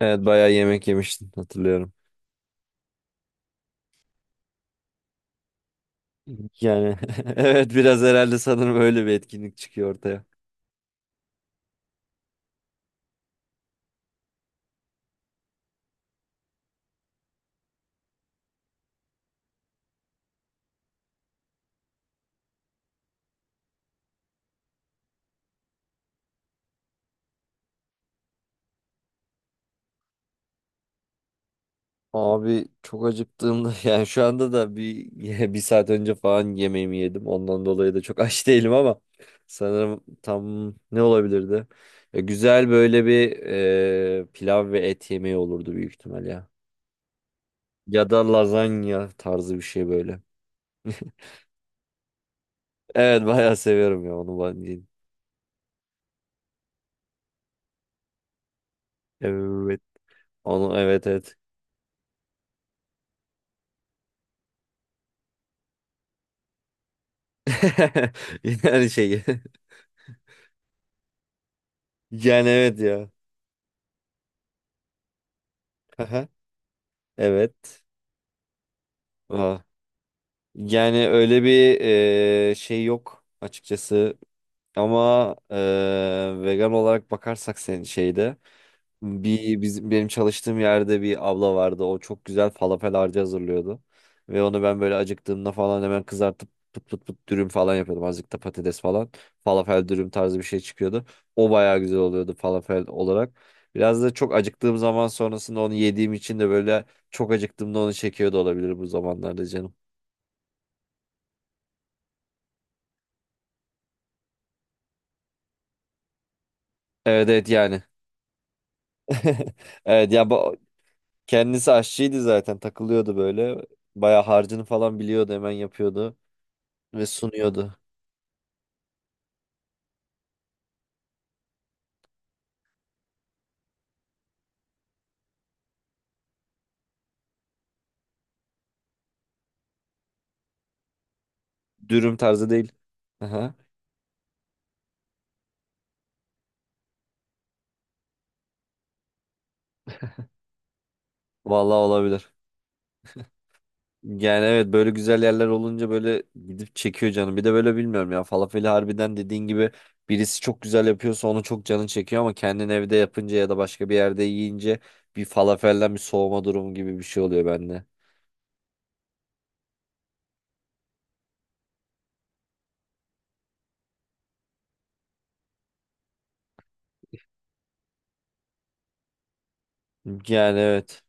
Evet bayağı yemek yemiştim hatırlıyorum. Yani evet biraz herhalde sanırım öyle bir etkinlik çıkıyor ortaya. Abi çok acıktığımda yani şu anda da bir bir saat önce falan yemeğimi yedim. Ondan dolayı da çok aç değilim ama sanırım tam ne olabilirdi? Ya güzel böyle bir pilav ve et yemeği olurdu büyük ihtimal ya. Ya da lazanya tarzı bir şey böyle. Evet bayağı seviyorum ya onu ben. Evet. Onu, evet, evet. Yani şey. Yani evet ya. Haha. Evet. Aa. Yani öyle bir şey yok açıkçası. Ama vegan olarak bakarsak senin şeyde. Bizim benim çalıştığım yerde bir abla vardı. O çok güzel falafel harcı hazırlıyordu. Ve onu ben böyle acıktığımda falan hemen kızartıp pıt pıt pıt dürüm falan yapıyordum. Azıcık da patates falan. Falafel dürüm tarzı bir şey çıkıyordu. O bayağı güzel oluyordu falafel olarak. Biraz da çok acıktığım zaman sonrasında onu yediğim için de böyle çok acıktığımda onu çekiyordu, olabilir bu zamanlarda canım. Evet, evet yani. Evet ya, bu kendisi aşçıydı, zaten takılıyordu böyle. Bayağı harcını falan biliyordu, hemen yapıyordu ve sunuyordu. Dürüm tarzı değil. Aha. Vallahi olabilir. Yani evet, böyle güzel yerler olunca böyle gidip çekiyor canım. Bir de böyle bilmiyorum ya, falafeli harbiden dediğin gibi birisi çok güzel yapıyorsa onu çok canın çekiyor, ama kendin evde yapınca ya da başka bir yerde yiyince bir falafelden bir soğuma durumu gibi bir şey oluyor bende. Yani evet.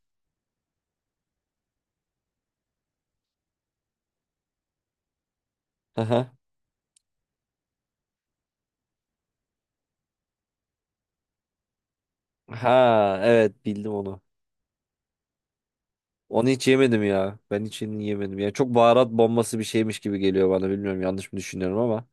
Aha. Ha evet, bildim onu. Onu hiç yemedim ya. Ben hiç yemedim. Ya çok baharat bombası bir şeymiş gibi geliyor bana. Bilmiyorum, yanlış mı düşünüyorum ama.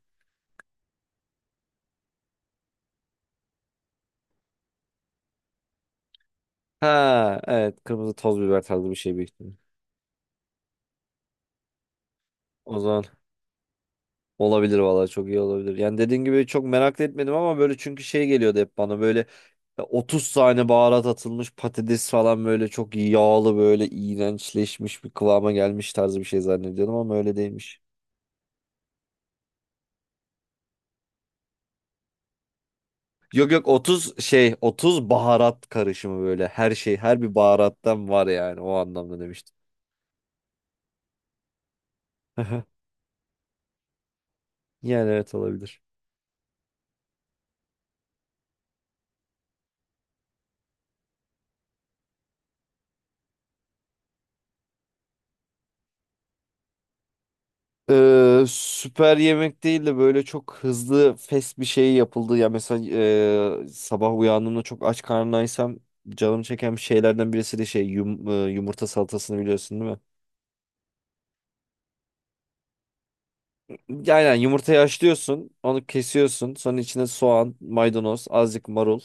Ha evet, kırmızı toz biber tarzı bir şey büyük. O zaman olabilir vallahi, çok iyi olabilir. Yani dediğin gibi çok merak da etmedim ama böyle, çünkü şey geliyordu hep bana böyle 30 tane baharat atılmış patates falan, böyle çok yağlı, böyle iğrençleşmiş bir kıvama gelmiş tarzı bir şey zannediyordum ama öyle değilmiş. Yok, 30 şey, 30 baharat karışımı, böyle her şey, her bir baharattan var, yani o anlamda demiştim. Yani evet, olabilir. Süper yemek değil de böyle çok hızlı fast bir şey yapıldı. Ya mesela sabah uyandığımda çok aç karnındaysam canım çeken bir şeylerden birisi de şey yumurta salatasını biliyorsun değil mi? Aynen, yumurtayı haşlıyorsun, onu kesiyorsun. Sonra içine soğan, maydanoz, azıcık marul,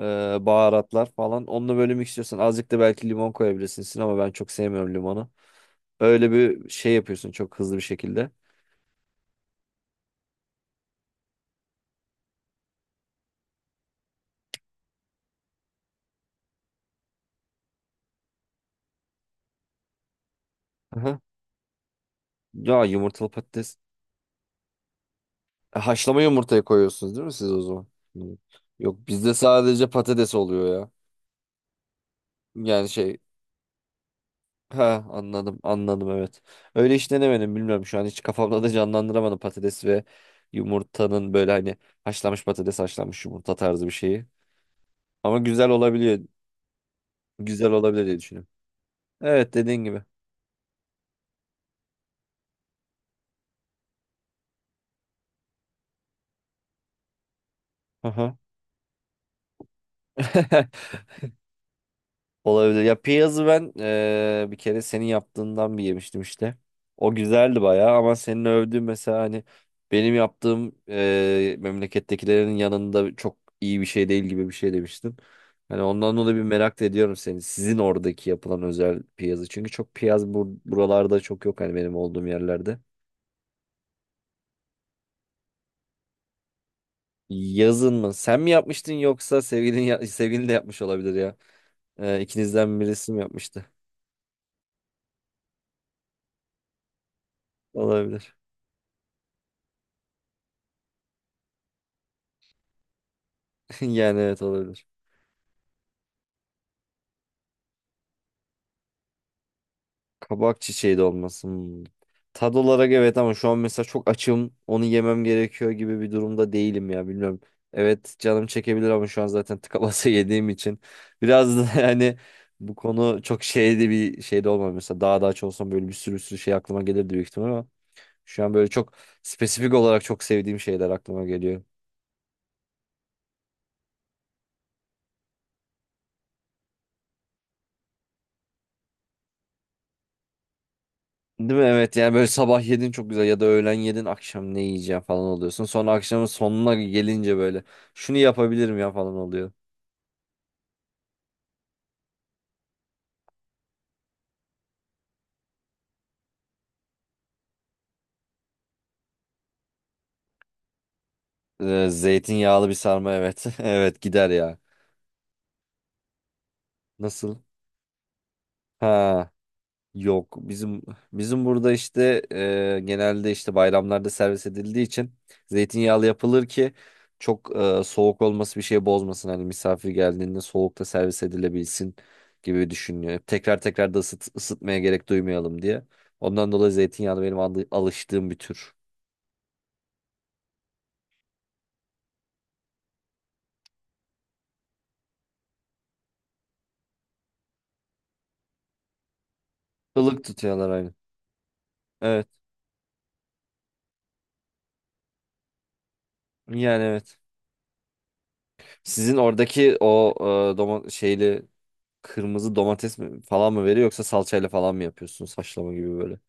e, baharatlar falan. Onunla böyle mixliyorsun. Azıcık da belki limon koyabilirsin ama ben çok sevmiyorum limonu. Öyle bir şey yapıyorsun çok hızlı bir şekilde. Aha. Ya yumurtalı patates. Haşlama yumurtaya koyuyorsunuz değil mi siz o zaman? Hı. Yok, bizde sadece patates oluyor ya. Yani şey, ha anladım, anladım, evet. Öyle hiç denemedim, bilmiyorum, şu an hiç kafamda da canlandıramadım patates ve yumurtanın böyle, hani haşlanmış patates, haşlanmış yumurta tarzı bir şeyi. Ama güzel olabiliyor. Güzel olabilir diye düşünüyorum. Evet, dediğin gibi. Aha. Olabilir. Ya piyazı ben bir kere senin yaptığından bir yemiştim işte. O güzeldi bayağı, ama senin övdüğün mesela, hani benim yaptığım memlekettekilerin yanında çok iyi bir şey değil gibi bir şey demiştin. Hani ondan dolayı bir merak da ediyorum seni. Sizin oradaki yapılan özel piyazı. Çünkü çok piyaz buralarda çok yok, hani benim olduğum yerlerde. Yazın mı? Sen mi yapmıştın yoksa sevgilin sevgilin de yapmış olabilir ya. İkinizden birisi mi yapmıştı? Olabilir. Yani evet, olabilir. Kabak çiçeği de olmasın. Tad olarak evet, ama şu an mesela çok açım. Onu yemem gerekiyor gibi bir durumda değilim ya, bilmiyorum. Evet, canım çekebilir ama şu an zaten tıka basa yediğim için. Biraz da yani bu konu çok şeyde, bir şeyde olmam. Mesela daha da aç olsam böyle bir sürü şey aklıma gelirdi büyük ihtimal ama. Şu an böyle çok spesifik olarak çok sevdiğim şeyler aklıma geliyor. Değil mi? Evet, yani böyle sabah yedin çok güzel, ya da öğlen yedin akşam ne yiyeceğim falan oluyorsun. Sonra akşamın sonuna gelince böyle şunu yapabilirim ya falan oluyor. Zeytinyağlı bir sarma, evet. Evet, gider ya. Nasıl? Ha yok. Bizim burada işte genelde işte bayramlarda servis edildiği için zeytinyağlı yapılır ki çok soğuk olması bir şey bozmasın. Hani misafir geldiğinde soğukta servis edilebilsin gibi düşünüyor. Tekrar tekrar da ısıt, ısıtmaya gerek duymayalım diye. Ondan dolayı zeytinyağlı benim alıştığım bir tür. Ilık tutuyorlar aynı. Evet. Yani evet. Sizin oradaki o domates şeyli, kırmızı domates mi falan mı veriyor yoksa salçayla falan mı yapıyorsunuz haşlama gibi böyle.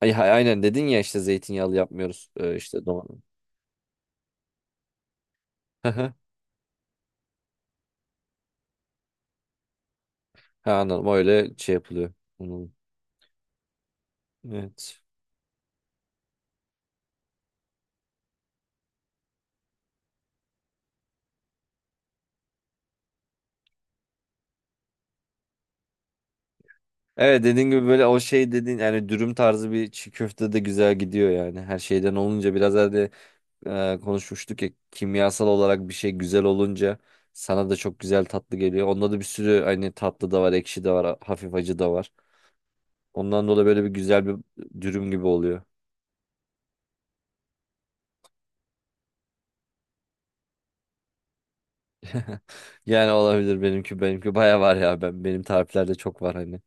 Ay, aynen dedin ya işte zeytinyağlı yapmıyoruz, işte domates. Ha, anladım, öyle şey yapılıyor. Anladım. Evet. Evet dediğin gibi böyle, o şey dediğin yani dürüm tarzı bir çiğ köfte de güzel gidiyor yani. Her şeyden olunca, biraz evvel de konuşmuştuk ya, kimyasal olarak bir şey güzel olunca sana da çok güzel, tatlı geliyor. Onda da bir sürü hani tatlı da var, ekşi de var, hafif acı da var. Ondan dolayı böyle bir güzel bir dürüm gibi oluyor. Yani olabilir, benimki baya var ya, ben benim tariflerde çok var hani.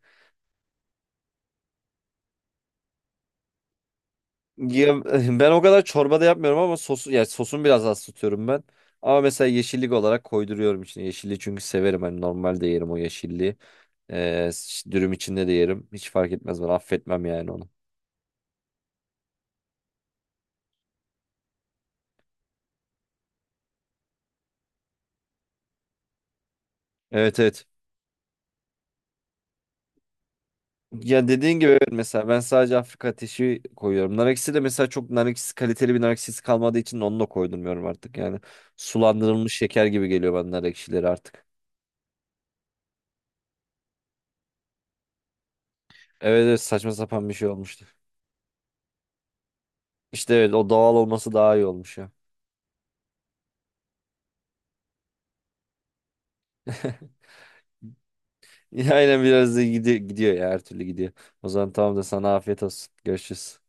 Ya, ben o kadar çorba da yapmıyorum ama sosu, yani sosun biraz az tutuyorum ben. Ama mesela yeşillik olarak koyduruyorum içine. Yeşilliği çünkü severim hani, normalde yerim o yeşilliği. Ee, Dürüm içinde de yerim. Hiç fark etmez bana, affetmem yani onu. Evet, evet. Ya dediğin gibi evet, mesela ben sadece Afrika ateşi koyuyorum. Nar ekşisi de mesela çok, nar ekşisi kaliteli bir nar ekşisi kalmadığı için onu da koydurmuyorum artık yani. Sulandırılmış şeker gibi geliyor bana nar ekşileri artık. Evet, evet, saçma sapan bir şey olmuştu. İşte evet, o doğal olması daha iyi olmuş ya. Aynen, biraz da gidiyor ya, her türlü gidiyor. O zaman tamam da, sana afiyet olsun. Görüşürüz.